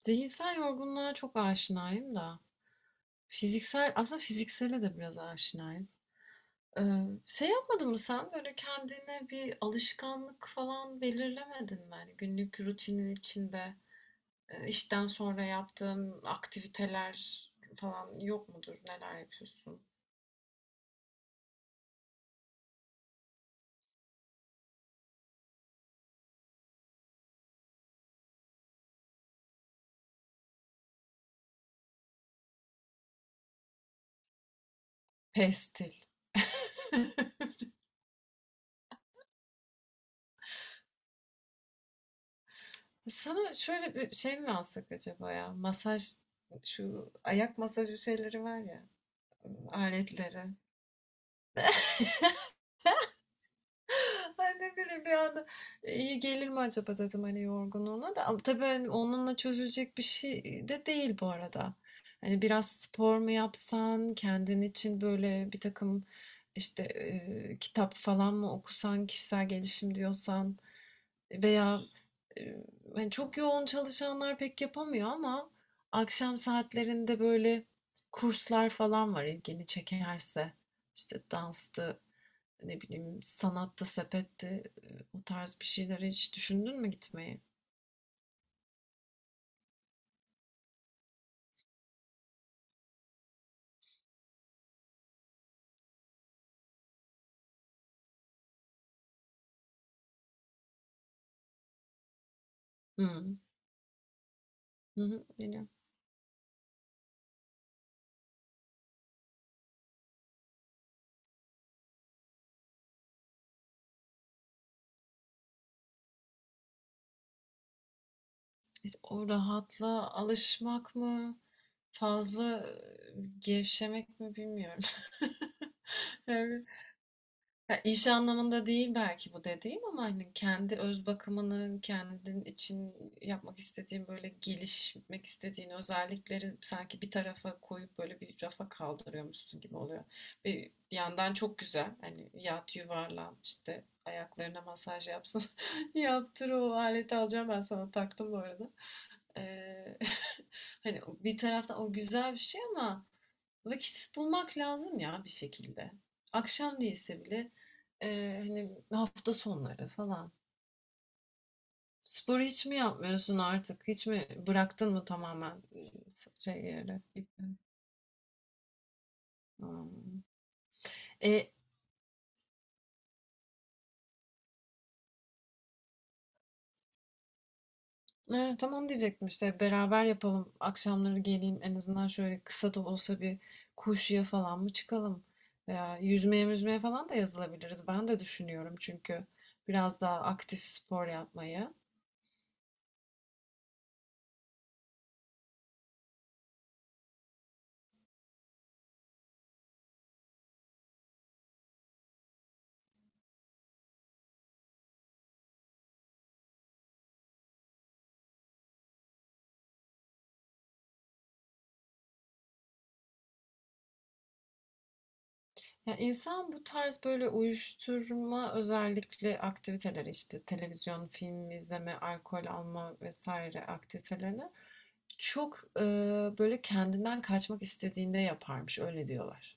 Zihinsel yorgunluğa çok aşinayım da. Fiziksel, aslında fiziksele de biraz aşinayım. Ee, şey yapmadın mı sen? Böyle kendine bir alışkanlık falan belirlemedin mi? Hani günlük rutinin içinde işten sonra yaptığın aktiviteler falan yok mudur? Neler yapıyorsun? Pestil. Sana şöyle bir şey mi alsak acaba ya? Masaj, şu ayak masajı şeyleri var ya, aletleri. Ben de böyle bir anda "E, iyi gelir mi acaba dedim hani yorgunluğuna da. Ama tabii hani onunla çözülecek bir şey de değil bu arada. Hani biraz spor mu yapsan, kendin için böyle bir takım işte kitap falan mı okusan, kişisel gelişim diyorsan veya e, hani çok yoğun çalışanlar pek yapamıyor ama akşam saatlerinde böyle kurslar falan var ilgini çekerse. İşte danstı, ne bileyim, sanatta, sepette, o tarz bir şeylere hiç düşündün mü gitmeyi? Hımm. Hı hı, biliyorum. İşte o rahatla alışmak mı, fazla, gevşemek mi bilmiyorum. Ya iş anlamında değil belki bu dediğim ama hani kendi öz bakımını, kendin için yapmak istediğin böyle gelişmek istediğin özellikleri sanki bir tarafa koyup böyle bir rafa kaldırıyormuşsun gibi oluyor. Bir yandan çok güzel hani yat yuvarlan işte ayaklarına masaj yapsın yaptır o aleti alacağım ben sana taktım bu arada. Ee, hani bir taraftan o güzel bir şey ama vakit bulmak lazım ya bir şekilde. Akşam değilse bile hani hafta sonları falan. Sporu hiç mi yapmıyorsun artık? Hiç mi bıraktın mı tamamen şeyleri? Hmm. E, tamam diyecektim işte beraber yapalım. Akşamları geleyim en azından şöyle kısa da olsa bir koşuya falan mı çıkalım? Veya yüzmeye falan da yazılabiliriz. Ben de düşünüyorum çünkü biraz daha aktif spor yapmayı. Ya insan bu tarz böyle uyuşturma özellikle aktiviteleri işte televizyon, film izleme, alkol alma vesaire aktivitelerini çok böyle kendinden kaçmak istediğinde yaparmış öyle diyorlar.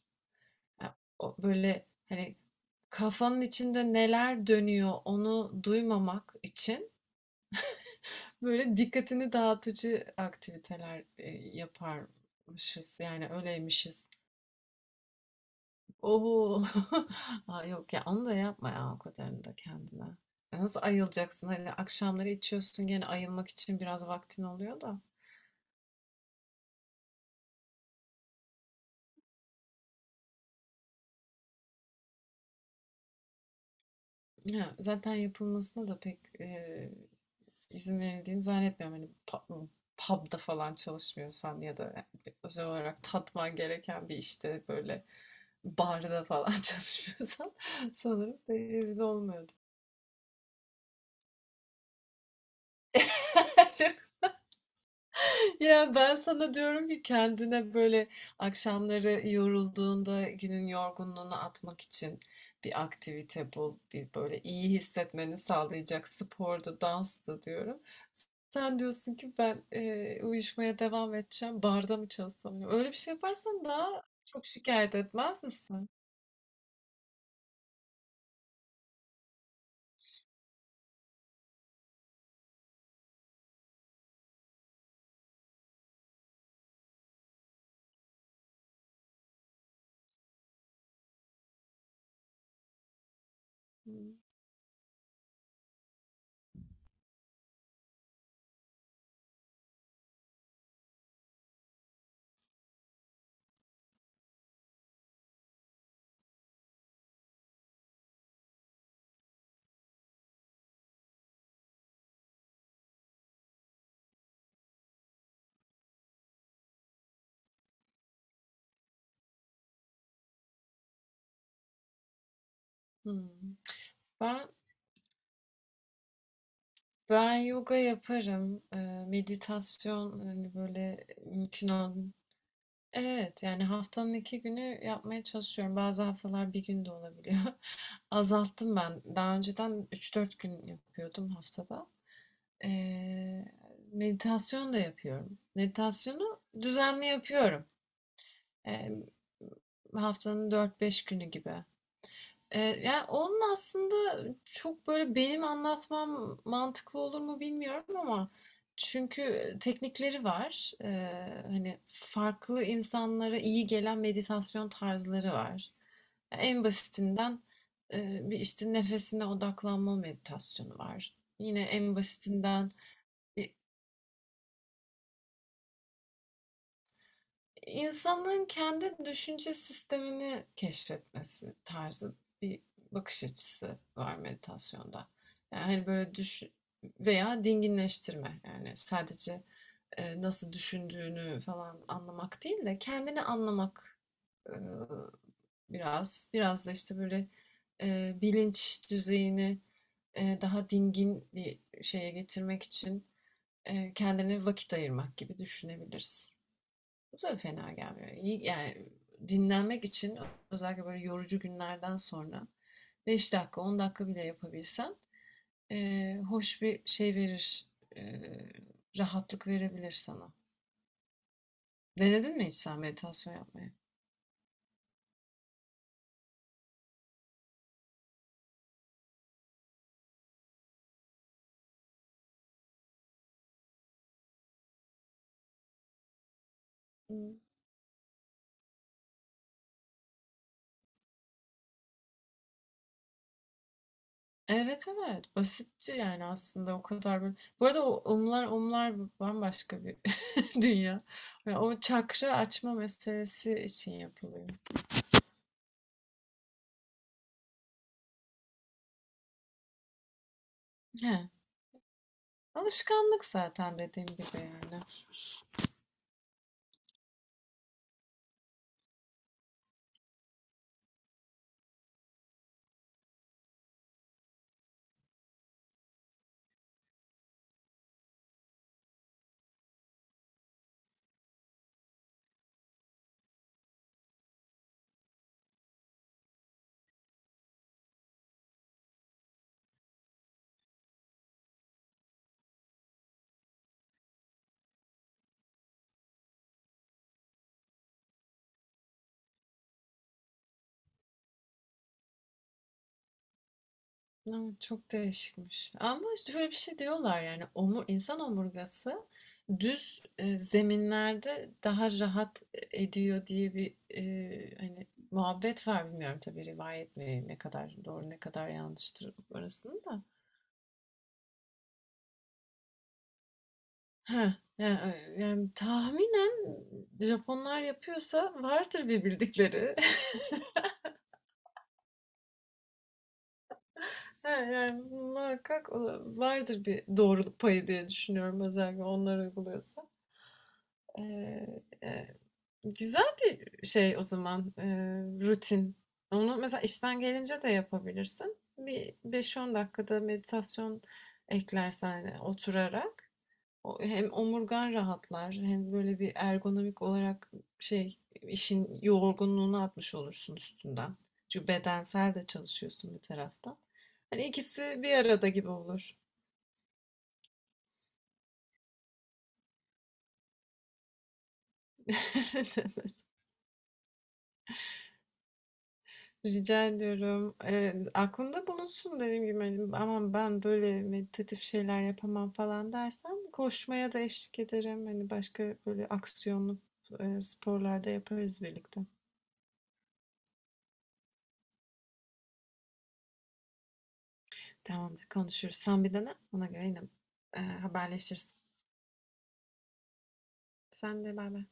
Ya, o böyle hani kafanın içinde neler dönüyor onu duymamak için böyle dikkatini dağıtıcı aktiviteler yaparmışız yani öyleymişiz. Oo, Aa, yok ya onu da yapma ya o kadarını da kendine. Ya, nasıl ayılacaksın? Hani akşamları içiyorsun gene ayılmak için biraz vaktin oluyor da. Ya, zaten yapılmasına da pek izin verildiğini zannetmiyorum. Hani pub'da falan çalışmıyorsan ya da özel olarak tatman gereken bir işte böyle barda falan çalışmıyorsan sanırım pek izin olmuyordu. Ya ben sana diyorum ki kendine böyle akşamları yorulduğunda günün yorgunluğunu atmak için bir aktivite bul, bir böyle iyi hissetmeni sağlayacak spordu, danstı diyorum. Sen diyorsun ki ben uyuşmaya devam edeceğim, barda mı çalışsam diyor. Öyle bir şey yaparsan daha çok şikayet etmez misin? Hmm. Ben ben yoga yaparım, meditasyon hani böyle mümkün olan. Evet, yani haftanın 2 günü yapmaya çalışıyorum. Bazı haftalar bir gün de olabiliyor. Azalttım ben. Daha önceden 3-4 gün yapıyordum haftada. Ee, meditasyon da yapıyorum. Meditasyonu düzenli yapıyorum. Ee, haftanın 4-5 günü gibi. Ya, onun aslında çok böyle benim anlatmam mantıklı olur mu bilmiyorum ama çünkü teknikleri var. Hani, farklı insanlara iyi gelen meditasyon tarzları var. En basitinden, bir, işte, nefesine odaklanma meditasyonu var. Yine en basitinden, İnsanın kendi düşünce sistemini keşfetmesi tarzı bir bakış açısı var meditasyonda. Yani hani böyle düş veya dinginleştirme, yani sadece nasıl düşündüğünü falan anlamak değil de kendini anlamak, e, biraz da işte böyle bilinç düzeyini daha dingin bir şeye getirmek için kendine vakit ayırmak gibi düşünebiliriz. Bu da fena gelmiyor. İyi, yani dinlenmek için özellikle böyle yorucu günlerden sonra 5 dakika 10 dakika bile yapabilsen hoş bir şey verir. eee, Rahatlık verebilir sana. Denedin mi hiç sen meditasyon yapmayı? Hmm. Evet evet, basitçe yani aslında o kadar böyle. Bu arada o umlar umlar bambaşka bir dünya. Ve o çakra açma meselesi için yapılıyor. He. Alışkanlık zaten dediğim gibi yani. Evet, çok değişikmiş. Ama işte şöyle bir şey diyorlar, yani insan omurgası düz zeminlerde daha rahat ediyor diye bir hani muhabbet var, bilmiyorum tabii rivayet mi, ne kadar doğru ne kadar yanlıştır orasını da. Ha yani, tahminen Japonlar yapıyorsa vardır bir bildikleri. Ha, yani muhakkak vardır bir doğruluk payı diye düşünüyorum özellikle onlar uyguluyorsa. Ee, Güzel bir şey o zaman, rutin. Onu mesela işten gelince de yapabilirsin. Bir 5-10 dakikada meditasyon eklersen, oturarak o hem omurgan rahatlar hem böyle bir ergonomik olarak şey, işin yorgunluğunu atmış olursun üstünden. Çünkü bedensel de çalışıyorsun bir taraftan. Hani ikisi bir arada gibi olur. Rica ediyorum. Aklında bulunsun, dediğim gibi, hani, "Aman ben böyle meditatif şeyler yapamam." falan dersen koşmaya da eşlik ederim. Hani başka böyle aksiyonlu, sporlar yaparız birlikte. Tamamdır, konuşuruz. Sen bir dene, ona göre yine, haberleşiriz. Sen de baybay.